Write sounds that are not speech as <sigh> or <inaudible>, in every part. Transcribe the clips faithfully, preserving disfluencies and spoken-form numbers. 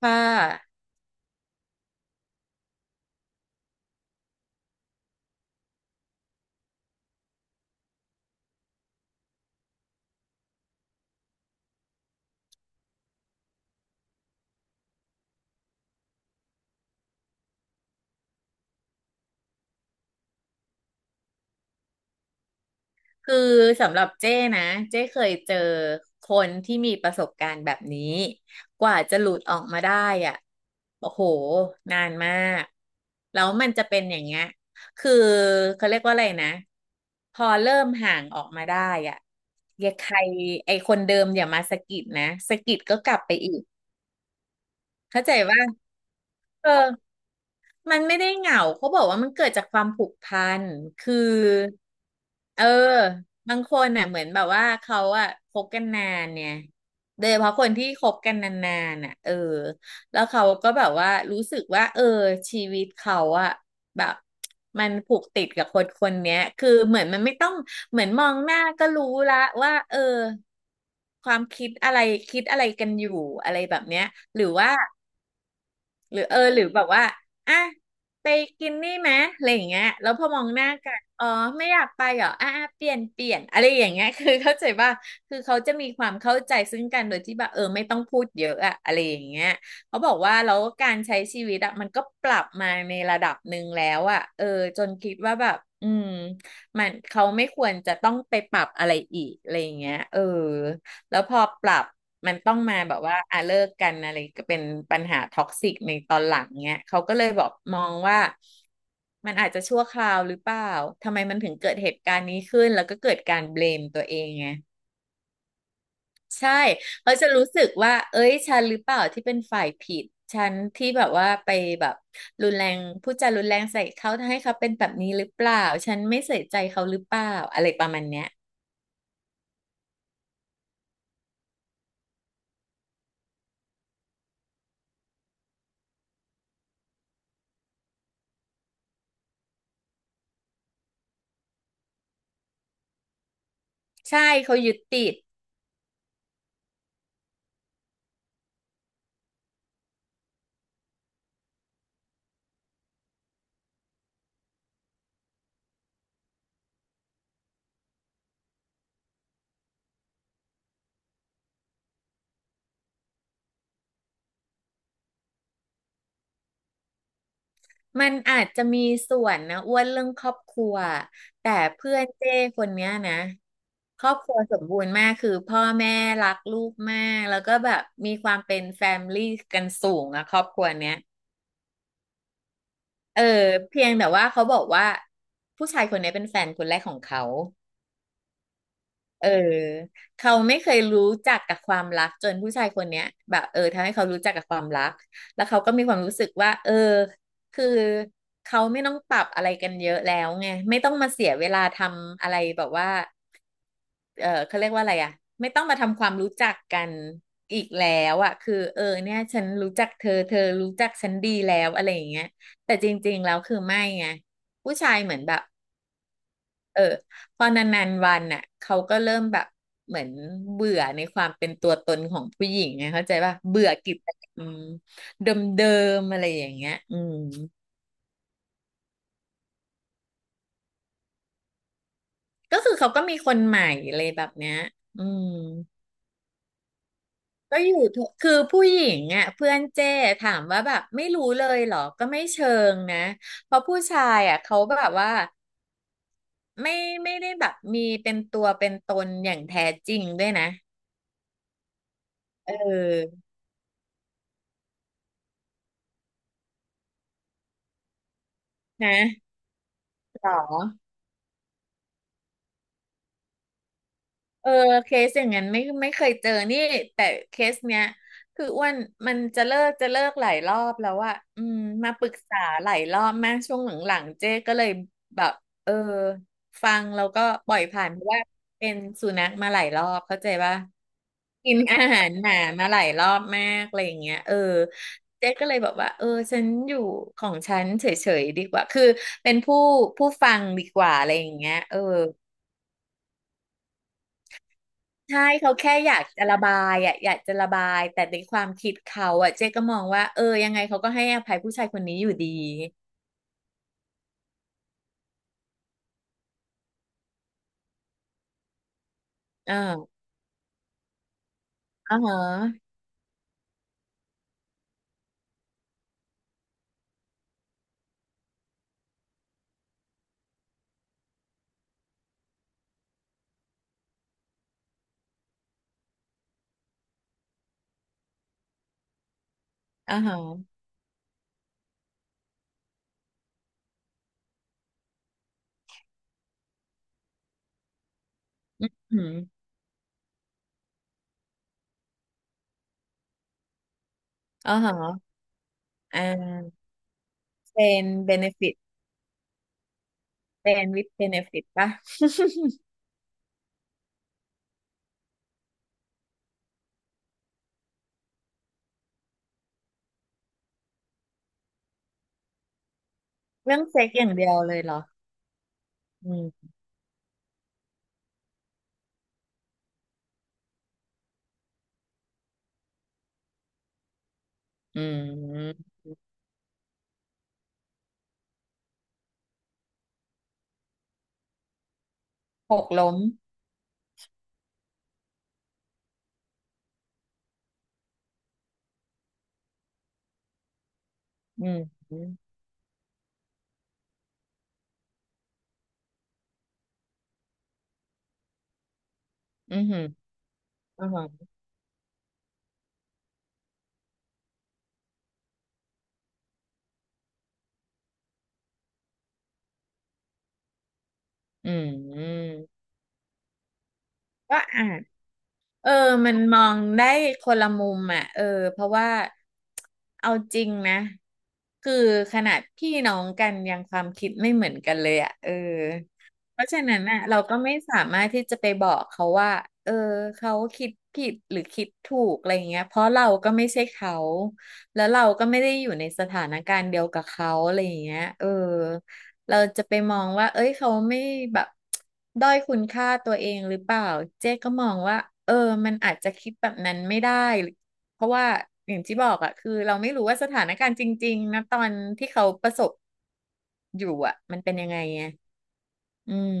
ค่ะ คือสำหรับเจ้นะ เจ้เคยเจอคนที่มีประสบการณ์แบบนี้ กว่าจะหลุดออกมาได้อ่ะโอ้โห นานมาก แล้วมันจะเป็นอย่างเงี้ยคือเขาเรียกว่าอะไรนะ พอเริ่มห่างออกมาได้อ่ะอย่าใครไอคนเดิมอย่ามาสะกิดนะสะกิดก็กลับไปอีก เข้าใจว่าเออ มันไม่ได้เหงาเขาบอกว่ามันเกิดจากความผูกพันคือ เออ บางคนน่ะเหมือนแบบว่าเขาอะคบกันนานเนี่ยโดยเฉพาะคนที่คบกันนานๆน่ะเออแล้วเขาก็แบบว่ารู้สึกว่าเออชีวิตเขาอะแบบมันผูกติดกับคนคนเนี้ยคือเหมือนมันไม่ต้องเหมือนมองหน้าก็รู้ละว่าเออความคิดอะไรคิดอะไรกันอยู่อะไรแบบเนี้ยหรือว่า หรือเออหรือแบบว่าอ่ะไปกินนี่ไหมอะไรอย่างเงี้ยแล้วพอมองหน้ากันอ๋อไม่อยากไปเหรออ่ะอ่ะเปลี่ยนเปลี่ยนอะไรอย่างเงี้ย <laughs> คือเข้าใจว่าคือเขาจะมีความเข้าใจซึ่งกันโดยที่แบบเออไม่ต้องพูดเยอะอะอะไรอย่างเงี้ยเขาบอกว่าแล้วการใช้ชีวิตอะมันก็ปรับมาในระดับหนึ่งแล้วอะเออจนคิดว่าแบบอืมมันเขาไม่ควรจะต้องไปปรับอะไรอีกอะไรอย่างเงี้ยเออ แล้วพอปรับมันต้องมาแบบว่าอ่ะเลิกกันอะไรก็เป็นปัญหาท็อกซิกในตอนหลังเนี้ยเขาก็เลยบอกมองว่ามันอาจจะชั่วคราวหรือเปล่าทำไมมันถึงเกิดเหตุการณ์นี้ขึ้นแล้วก็เกิดการเบลมตัวเองไงใช่เขาจะรู้สึกว่าเอ้ยฉันหรือเปล่าที่เป็นฝ่ายผิดฉันที่แบบว่าไปแบบรุนแรงพูดจารุนแรงใส่เขาทำให้เขาเป็นแบบนี้หรือเปล่าฉันไม่ใส่ใจเขาหรือเปล่าอะไรประมาณเนี้ยใช่เขายึดติด มันอาจจะมีส่วนนะอ้วนเรื่องครอบครัวแต่เพื่อนเจ้คนเนี้ยนะครอบครัวสมบูรณ์มากคือพ่อแม่รักลูกมากแล้วก็แบบมีความเป็นแฟมลี่กันสูงอะครอบครัวเนี้ยเออเพียงแต่ว่าเขาบอกว่าผู้ชายคนนี้เป็นแฟนคนแรกของเขา เออเขาไม่เคยรู้จักกับความรักจนผู้ชายคนเนี้ยแบบเออทำให้เขารู้จักกับความรักแล้วเขาก็มีความรู้สึกว่าเออคือเขาไม่ต้องปรับอะไรกันเยอะแล้วไงไม่ต้องมาเสียเวลาทำอะไรแบบว่าเออเขาเรียกว่าอะไรอ่ะไม่ต้องมาทำความรู้จักกันอีกแล้วอ่ะคือเออเนี่ยฉันรู้จักเธอเธอรู้จักฉันดีแล้วอะไรอย่างเงี้ยแต่จริงๆแล้วคือไม่ไงผู้ชายเหมือนแบบ เออพอนานๆวันน่ะเขาก็เริ่มแบบเหมือนเบื่อในความเป็นตัวตนของผู้หญิงไงเข้าใจป่ะเบื่อกิจกรรมเดิมๆอะไรอย่างเงี้ยอืมก็คือเขาก็มีคนใหม่อะไรแบบเนี้ยอืมก็อยู่ทุกคือผู้หญิงอ่ะเพื่อนเจ้ถามว่าแบบไม่รู้เลยเหรอก็ไม่เชิงนะเพราะผู้ชายอ่ะเขาแบบว่าไม่ไม่ได้แบบมีเป็นตัวเป็นตนอย่างแท้จริงด้วยนะเออนะหรอ เออเคสอย่างนั้นไม่ไม่เคยเจอนี่แต่เคสเนี้ยคืออ้วนมันจะเลิกจะเลิกหลายรอบแล้วอะอืมมาปรึกษาหลายรอบมากช่วงหลังๆเจ๊ก็เลยแบบเออฟังแล้วก็ปล่อยผ่านเพราะว่าเป็นสุนัขมาหลายรอบเข้าใจปะกินอาหารหนามาหลายรอบมากอะไรอย่างเงี้ยเออเจ๊ก็เลยบอกว่าเออฉันอยู่ของฉันเฉยๆดีกว่าคือเป็นผู้ผู้ฟังดีกว่าอะไรอย่างเงี้ยเออ ใช่เขาแค่อยากจะระบายอ่ะอยากจะระบายแต่ในความคิดเขาอ่ะเจ๊ก็มองว่าเออยังไงเขาก็ให้อภัยผู้ชายคนนี้อยู่ดีอ่าอ่าฮะอ่าฮะอืมอ่าฮะอ่าเป็นเบเนฟิตเป็นวิท เบเนฟิตป่ะ <laughs> เรื่องเซ็กอย่างเดียวเลยเหรออืมอืมหกล้มอืมอืมอหืมออ่าฮะอืมก็อ่าน เออมันมองได้คนละมุมอ่ะเออเพราะว่าเอาจริงนะคือขนาดพี่น้องกันยังความคิดไม่เหมือนกันเลยอ่ะเออเพราะฉะนั้นอ่ะเราก็ไม่สามารถที่จะไปบอกเขาว่าเออเขาคิดผิดหรือคิดถูกอะไรเงี้ยเพราะเราก็ไม่ใช่เขาแล้วเราก็ไม่ได้อยู่ในสถานการณ์เดียวกับเขาอะไรอย่างเงี้ยเออ เราจะไปมองว่า เอ้ย เขาไม่แบบ <tsk> ด้อยคุณค่าตัวเองหรือเปล่า เจ๊ก็มองว่า เออ มันอาจจะคิดแบบนั้นไม่ได้ เพราะว่าอย่างที่บอกอะคือเราไม่รู้ว่าสถานการณ์จริงๆนะตอนที่เขาประสบอยู่อะมันเป็นยังไงไงอืม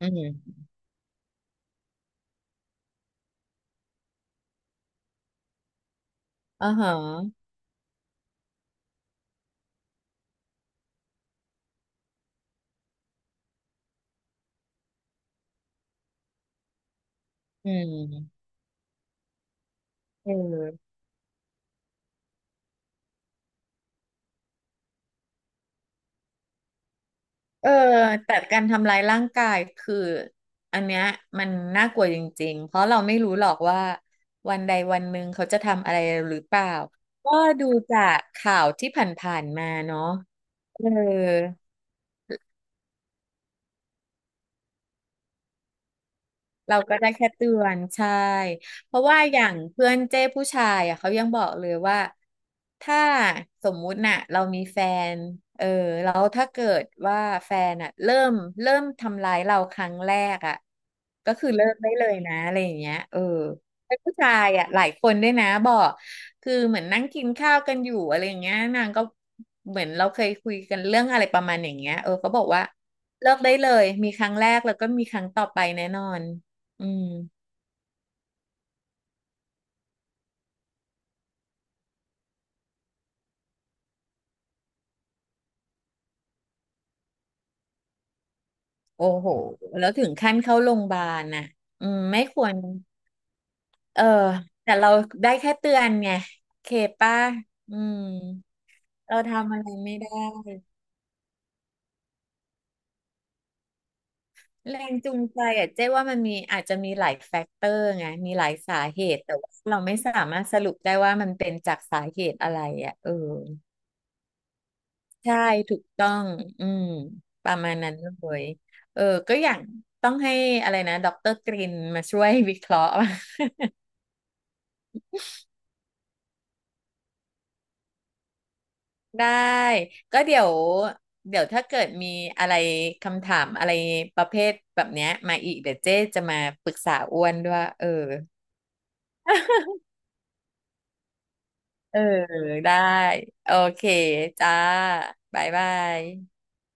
อืมอ๋อฮะอืมเออ เออแต่การทำร้ายร่างกายคืออันเนี้ยมันน่ากลัวจริงๆเพราะเราไม่รู้หรอกว่าวันใดวันหนึ่งเขาจะทำอะไรหรือเปล่าก็ดูจากข่าวที่ผ่านๆมาเนาะเออ เราก็ได้แค่เตือนใช่เพราะว่าอย่างเพื่อนเจ้ผู้ชายอ่ะเขายังบอกเลยว่าถ้าสมมุติน่ะเรามีแฟนเออแล้วถ้าเกิดว่าแฟนอ่ะเริ่มเริ่มทำร้ายเราครั้งแรกอ่ะก็คือเลิกได้เลยนะอะไรอย่างเงี้ยเออเป็นผู้ชายอ่ะหลายคนด้วยนะบอกคือเหมือนนั่งกินข้าวกันอยู่อะไรอย่างเงี้ยนางก็เหมือนเราเคยคุยกันเรื่องอะไรประมาณอย่างเงี้ยเออเขาบอกว่าเลิกได้เลยมีครั้งแรกแล้วก็มีครั้งต่อไปแน่นอน อืมโอ้โหแล้วถึงขั้นเข้าโรงพยาบาลน่ะอืมไม่ควรเออแต่เราได้แค่เตือนไงเคป้าอืมเราทำอะไรไม่ได้แรงจูงใจอ่ะเจ๊ว่ามันมีอาจจะมีหลายแฟกเตอร์ไงมีหลายสาเหตุแต่ว่าเราไม่สามารถสรุปได้ว่ามันเป็นจากสาเหตุอะไรอ่ะเออใช่ถูกต้องอืมประมาณนั้นเลยเออก็อย่างต้องให้อะไรนะดรกรินมาช่วยวิเคราะห์ ได้ก็เดี๋ยวเดี๋ยวถ้าเกิดมีอะไรคำถามอะไรประเภทแบบเนี้ยมาอีกเดี๋ยวเจ๊จะมาปรึกษาอ้วนด้วยเออ <laughs> เออได้โอเคจ้าบ๊ายบาย